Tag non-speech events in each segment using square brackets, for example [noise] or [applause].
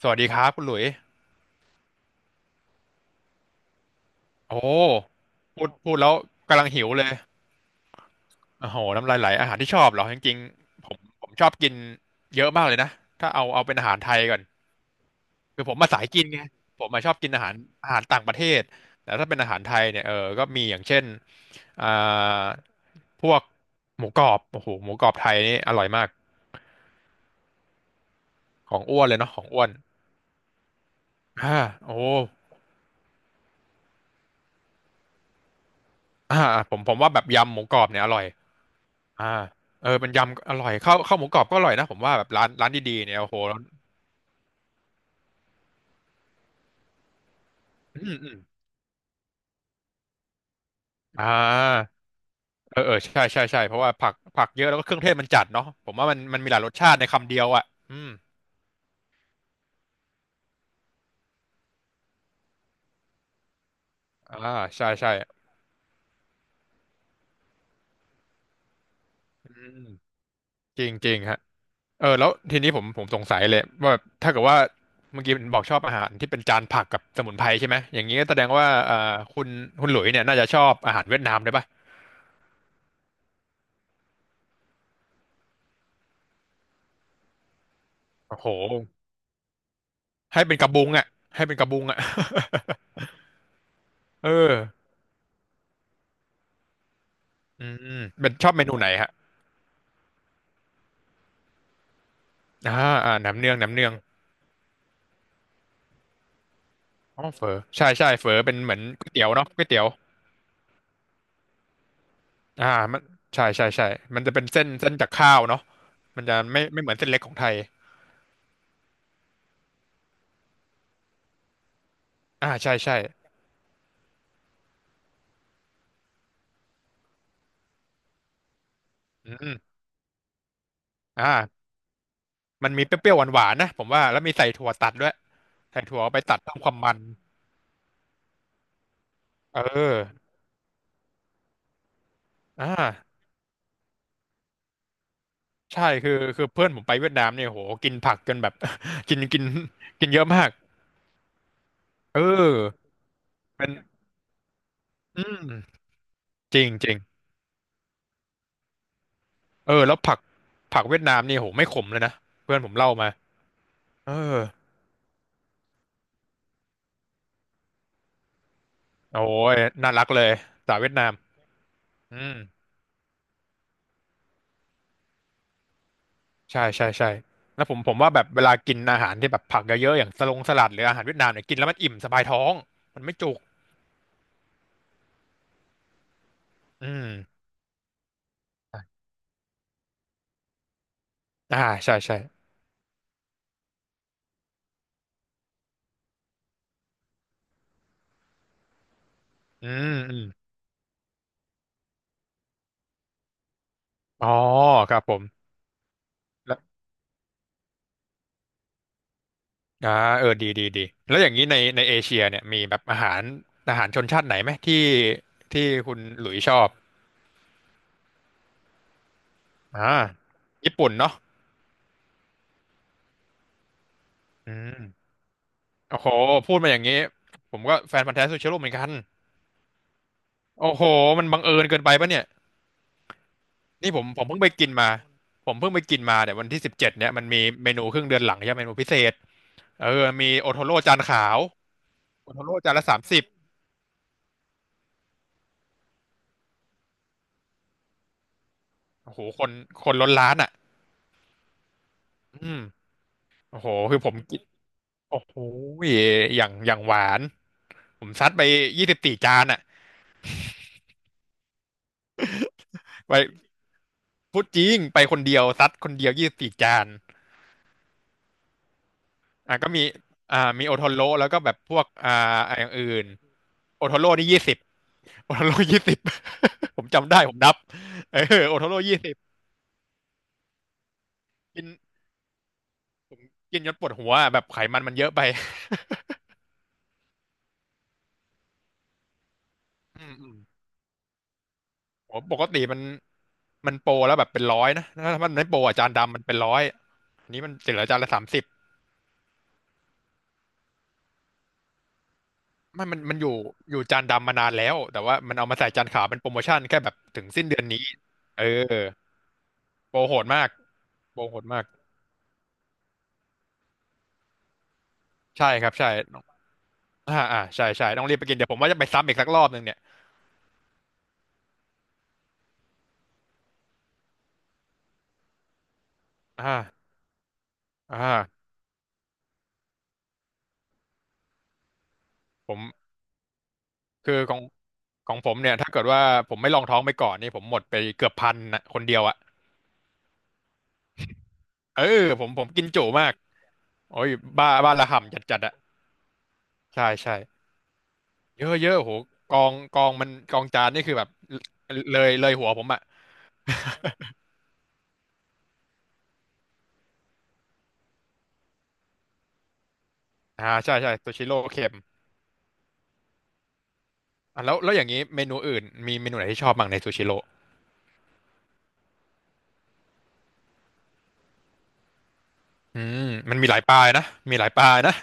สวัสดีครับคุณหลุยโอ้พูดแล้วกำลังหิวเลยโอ้โหน้ำลายไหลอาหารที่ชอบเหรอจริงๆผมชอบกินเยอะมากเลยนะถ้าเอาเป็นอาหารไทยก่อนคือผมมาสายกินไงผมมาชอบกินอาหารต่างประเทศแต่ถ้าเป็นอาหารไทยเนี่ยก็มีอย่างเช่น อ่าพวกหมูกรอบโอ้โหหมูกรอบไทยนี่อร่อยมาก ของอ้วนเลยเนาะของอ้วนอ่าโอ้อ่าผมว่าแบบยำหมูกรอบเนี่ยอร่อย อ่าเป็นยำอร่อยข้าวหมูกรอบก็อร่อยนะผมว่าแบบร้านดีๆเนี่ยโอ้โหแล้วอืมอืมอ่าเออใช่ใช่ใช่เพราะว่าผักเยอะแล้วก็เครื่องเทศมันจัดเนาะผมว่ามันมีหลายรสชาติในคำเดียวอ่ะอืมอ่าใช่ใช่อืมจริงจริงฮะแล้วทีนี้ผมสงสัยเลยว่าถ้าเกิดว่าเมื่อกี้บอกชอบอาหารที่เป็นจานผักกับสมุนไพรใช่ไหมอย่างนี้ก็แสดงว่าคุณคุณหลุยเนี่ยน่าจะชอบอาหารเวียดนามด้วยป่ะโอ้โหให้เป็นกระบุงอ่ะให้เป็นกระบุงอ่ะ [laughs] เออ อืมเป็นชอบเมนูไหนฮะอ่าน้ำเนืองอ๋อเฝอใช่ใช่เฝอเป็นเหมือนก๋วยเตี๋ยวเนาะก๋วยเตี๋ยวอ่ามันใช่ใช่ใช่มันจะเป็นเส้นจากข้าวเนาะมันจะไม่เหมือนเส้นเล็กของไทยใช่ใช่อืมอ่ามันมีเปรี้ยวๆหวานๆนะผมว่าแล้วมีใส่ถั่วตัดด้วยใส่ถั่วเอาไปตัดเพิ่มความมันเอออ่าใช่คือเพื่อนผมไปเวียดนามเนี่ยโหกินผักจนแบบ [laughs] กินกินกินเยอะมากเออเป็นอืมจริงจริง แล้วผักเวียดนามนี่โหไม่ขมเลยนะเพื่อนผมเล่ามาเออโอ้ยน่ารักเลยสาวเวียดนามอืมใช่ใช่ใช่แล้วผมว่าแบบเวลากินอาหารที่แบบผักเยอะๆอย่างสลงสลัดหรืออาหารเวียดนามเนี่ยกินแล้วมันอิ่มสบายท้องมันไม่จุกอืมอ่าใช่ใช่อืมอืมอ๋อครับผมแล้วอ่าดีดีดีแล้วอย่างนี้ในเอเชียเนี่ยมีแบบอาหารชนชาติไหนไหมที่ที่คุณหลุยชอบอ่าญี่ปุ่นเนาะอืม โอ้โหพูดมาอย่างนี้ผมก็แฟนพันธุ์แท้ซูเชโร่เหมือนกันโอ้โหมันบังเอิญเกินไปปะเนี่ยนี่ผมเพิ่งไปกินมาผมเพิ่งไปกินมาเนี่ยวันที่17เนี่ยมันมีเมนูครึ่งเดือนหลังใช่ไหมเมนูพิเศษมีโอโทโร่จานขาวโอโทโร่จานละสามสิบโอ้โหคนล้นร้านอ่ะอืมโอ้โหคือผมกินโอ้โหอย่างหวานผมซัดไปยี่สิบสี่จานอ่ะไปพูดจริงไปคนเดียวซัดคนเดียวยี่สิบสี่จาน อ่ะก็มีมีโอโทโร่แล้วก็แบบพวกอย่างอื่นโอโทโร่นี่ยี่สิบโอโทโร่ยี่สิบ [laughs] ผมจำได้ผมนับเออโอโทโร่ยี่สิบกินผมกินจนปวดหัวอะแบบไขมันมันเยอะไปอืมอืมโหปกติมันโปรแล้วแบบเป็นร้อยนะถ้ามันไม่โปรอ่ะจานดำมันเป็นร้อยอันนี้มันเสียเหลือจานละสามสิบไม่มันอยู่อยู่จานดำมานานแล้วแต่ว่ามันเอามาใส่จานขาวเป็นโปรโมชั่นแค่แบบถึงสิ้นเดือนนี้เออโปรโหดมากโปรโหดมากใช่ครับใช่ อ่าอ่าใช่ใช่ต้องรีบไปกินเดี๋ยวผมว่าจะไปซ้ำอีกสักรอบหนึ่งเนี่ยอ่าอ่าผมคือของผมเนี่ยถ้าเกิดว่าผมไม่ลองท้องไปก่อนนี่ผมหมดไปเกือบพันนะคนเดียวอ่ะเออผมกินจุมากโอ้ยบ้าระห่ำจัดจัดอ่ะใช่ใช่เยอะเยอะโหกองมันกองจานนี่คือแบบเลยหัวผมอ่ะใช่ใช่ซูชิโร่เค็มอ่ะแล้วอย่างนี้เมนูอื่นมีเมนูไหนที่ชอบบ้างในซูชิโร่อืมมันมีหลายปลายนะมีหลายปลายนะ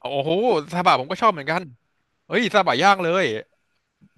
โอ้โหซาบะผมก็ชอบเหมือนกันเฮ้ยซาบะย่างเลย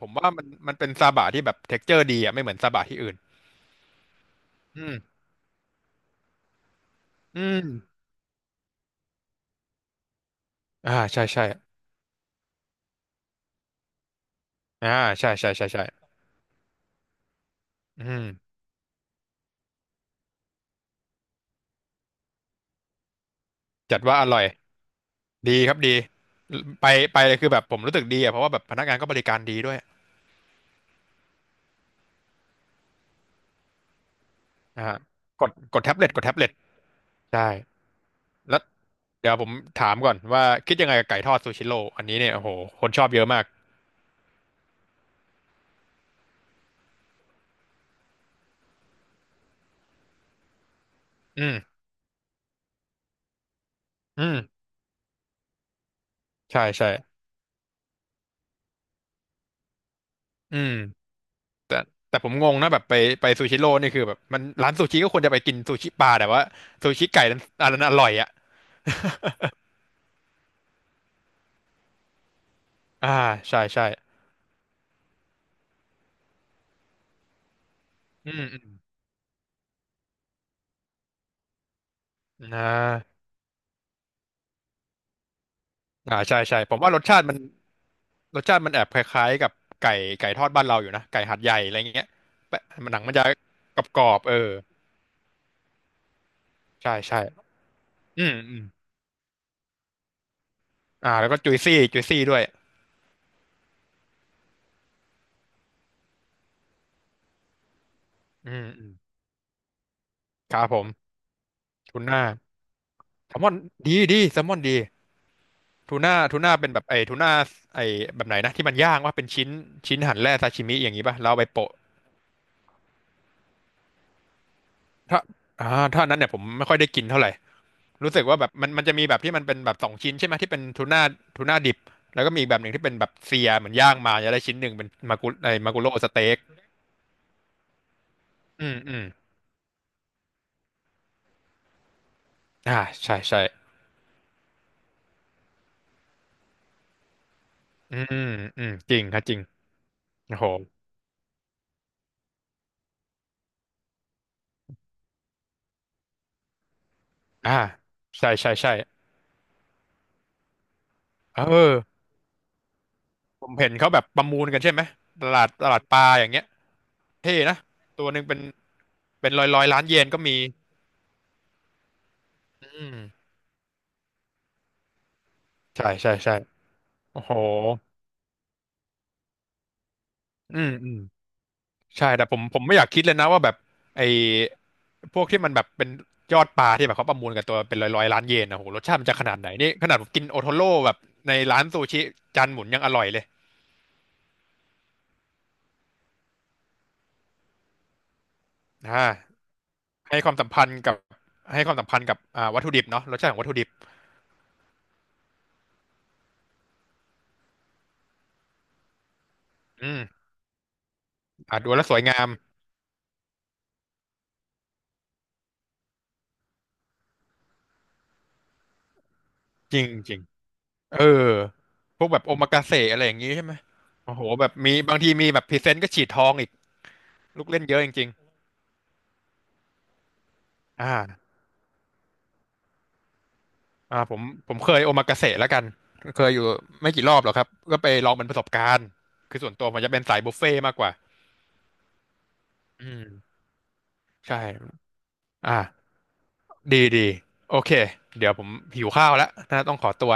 ผมว่ามันเป็นซาบะที่แบบเท็กเจอร์ดีอ่ะไม่เหมือนซาบะที่อื่นอืมอืมอ่าใช่ใช่อ่าใช่ใช่ใช่ใช่อืมจัดว่าอร่อยดีครับดีไปไปเลยคือแบบผมรู้สึกดีอ่ะเพราะว่าแบบพนักงานก็บริการดีด้วยอ่ากดแท็บเล็ตกดแท็บเล็ตใช่แล้วเดี๋ยวผมถามก่อนว่าคิดยังไงกับไก่ทอดซูชิโร่อันนี้เนี่ยโอ้โหคนชอบเยอะมากอืมอืมใช่ใช่อืม แต่แต่ผมงงนะแบบไปไปซูชิโร่นี่คือแบบมันร้านซูชิก็ควรจะไปกินซูชิปลาแต่ว่าซูชิไก่นั้นอันนั้นอร่อยอ่ะอ่าใช่ใช่อืมอืมอ่าอ่าใช่ใช่ผมว่ารสชาติมันรสชาติมันแอบคล้ายๆกับไก่ไก่ทอดบ้านเราอยู่นะไก่หัดใหญ่อะไรเงี้ยแปะมันหนังมันจะกรอบๆเออใช่ใช่อืมอืมอ่าแล้วก็จุยซี่จุยซี่ด้วยอืมอืมครับผมทูน่าแซลมอนดีดีแซลมอนดี ทูน่าทูน่าเป็นแบบไอ้ทูน่าไอ้แบบไหนนะที่มันย่างว่าเป็นชิ้นชิ้นหั่นแล่ซาชิมิอย่างนี้ป่ะแล้วเอาไปโปะถ้าอ่าถ้าอันนั้นเนี่ยผมไม่ค่อยได้กินเท่าไหร่รู้สึกว่าแบบมันจะมีแบบที่มันเป็นแบบสองชิ้นใช่ไหมที่เป็นทูน่าทูน่าดิบแล้วก็มีอีกแบบหนึ่งที่เป็นแบบเซียเหมือนย่างมาจะได้ชิ้นหนึ่งเป็นมากุไอ้มากุโร่สเต็กอืมอืมอ่าใช่ใช่อืมอืมจริงครับจริงโอ้โหอ่าใช่ใช่ใช่เออ ผมเห็นเขาแบบประมูลกันใช่ไหมตลาดตลาดปลาอย่างเงี้ยเท่นะตัวหนึ่งเป็นเป็นร้อยร้อยล้านเยนก็มีอืมใช่ใช่ใช่โอ้โหอืมอืมใช่แต่ผมไม่อยากคิดเลยนะว่าแบบไอ้พวกที่มันแบบเป็นยอดปลาที่แบบเขาประมูลกันตัวเป็นร้อยร้อยล้านเยนนะโหรสชาติมันจะขนาดไหนนี่ขนาดผมกินโอโทโร่แบบในร้านซูชิจานหมุนยังอร่อยเลยอ่าให้ความสัมพันธ์กับให้ความสัมพันธ์กับอ่าวัตถุดิบเนาะรสชาติของวัตถุดิบอืมอ่าดูแล้วสวยงามจริงจริง เออพวกแบบโอมากาเสะอะไรอย่างงี้ใช่ไหมโอ้โหแบบมีบางทีมีแบบพรีเซนต์ก็ฉีดทองอีกลูกเล่นเยอะจริงๆอ่าอ่าผมผมเคยโอมากาเสะแล้วกันเคยอยู่ไม่กี่รอบหรอกครับก็ไปลองเป็นประสบการณ์คือส่วนตัวผมจะเป็นสายบุฟเฟ่ต์มากกว่าอืมใช่อ่าดีดีโอเคเดี๋ยวผมหิวข้าวแล้วน่าต้องขอตัว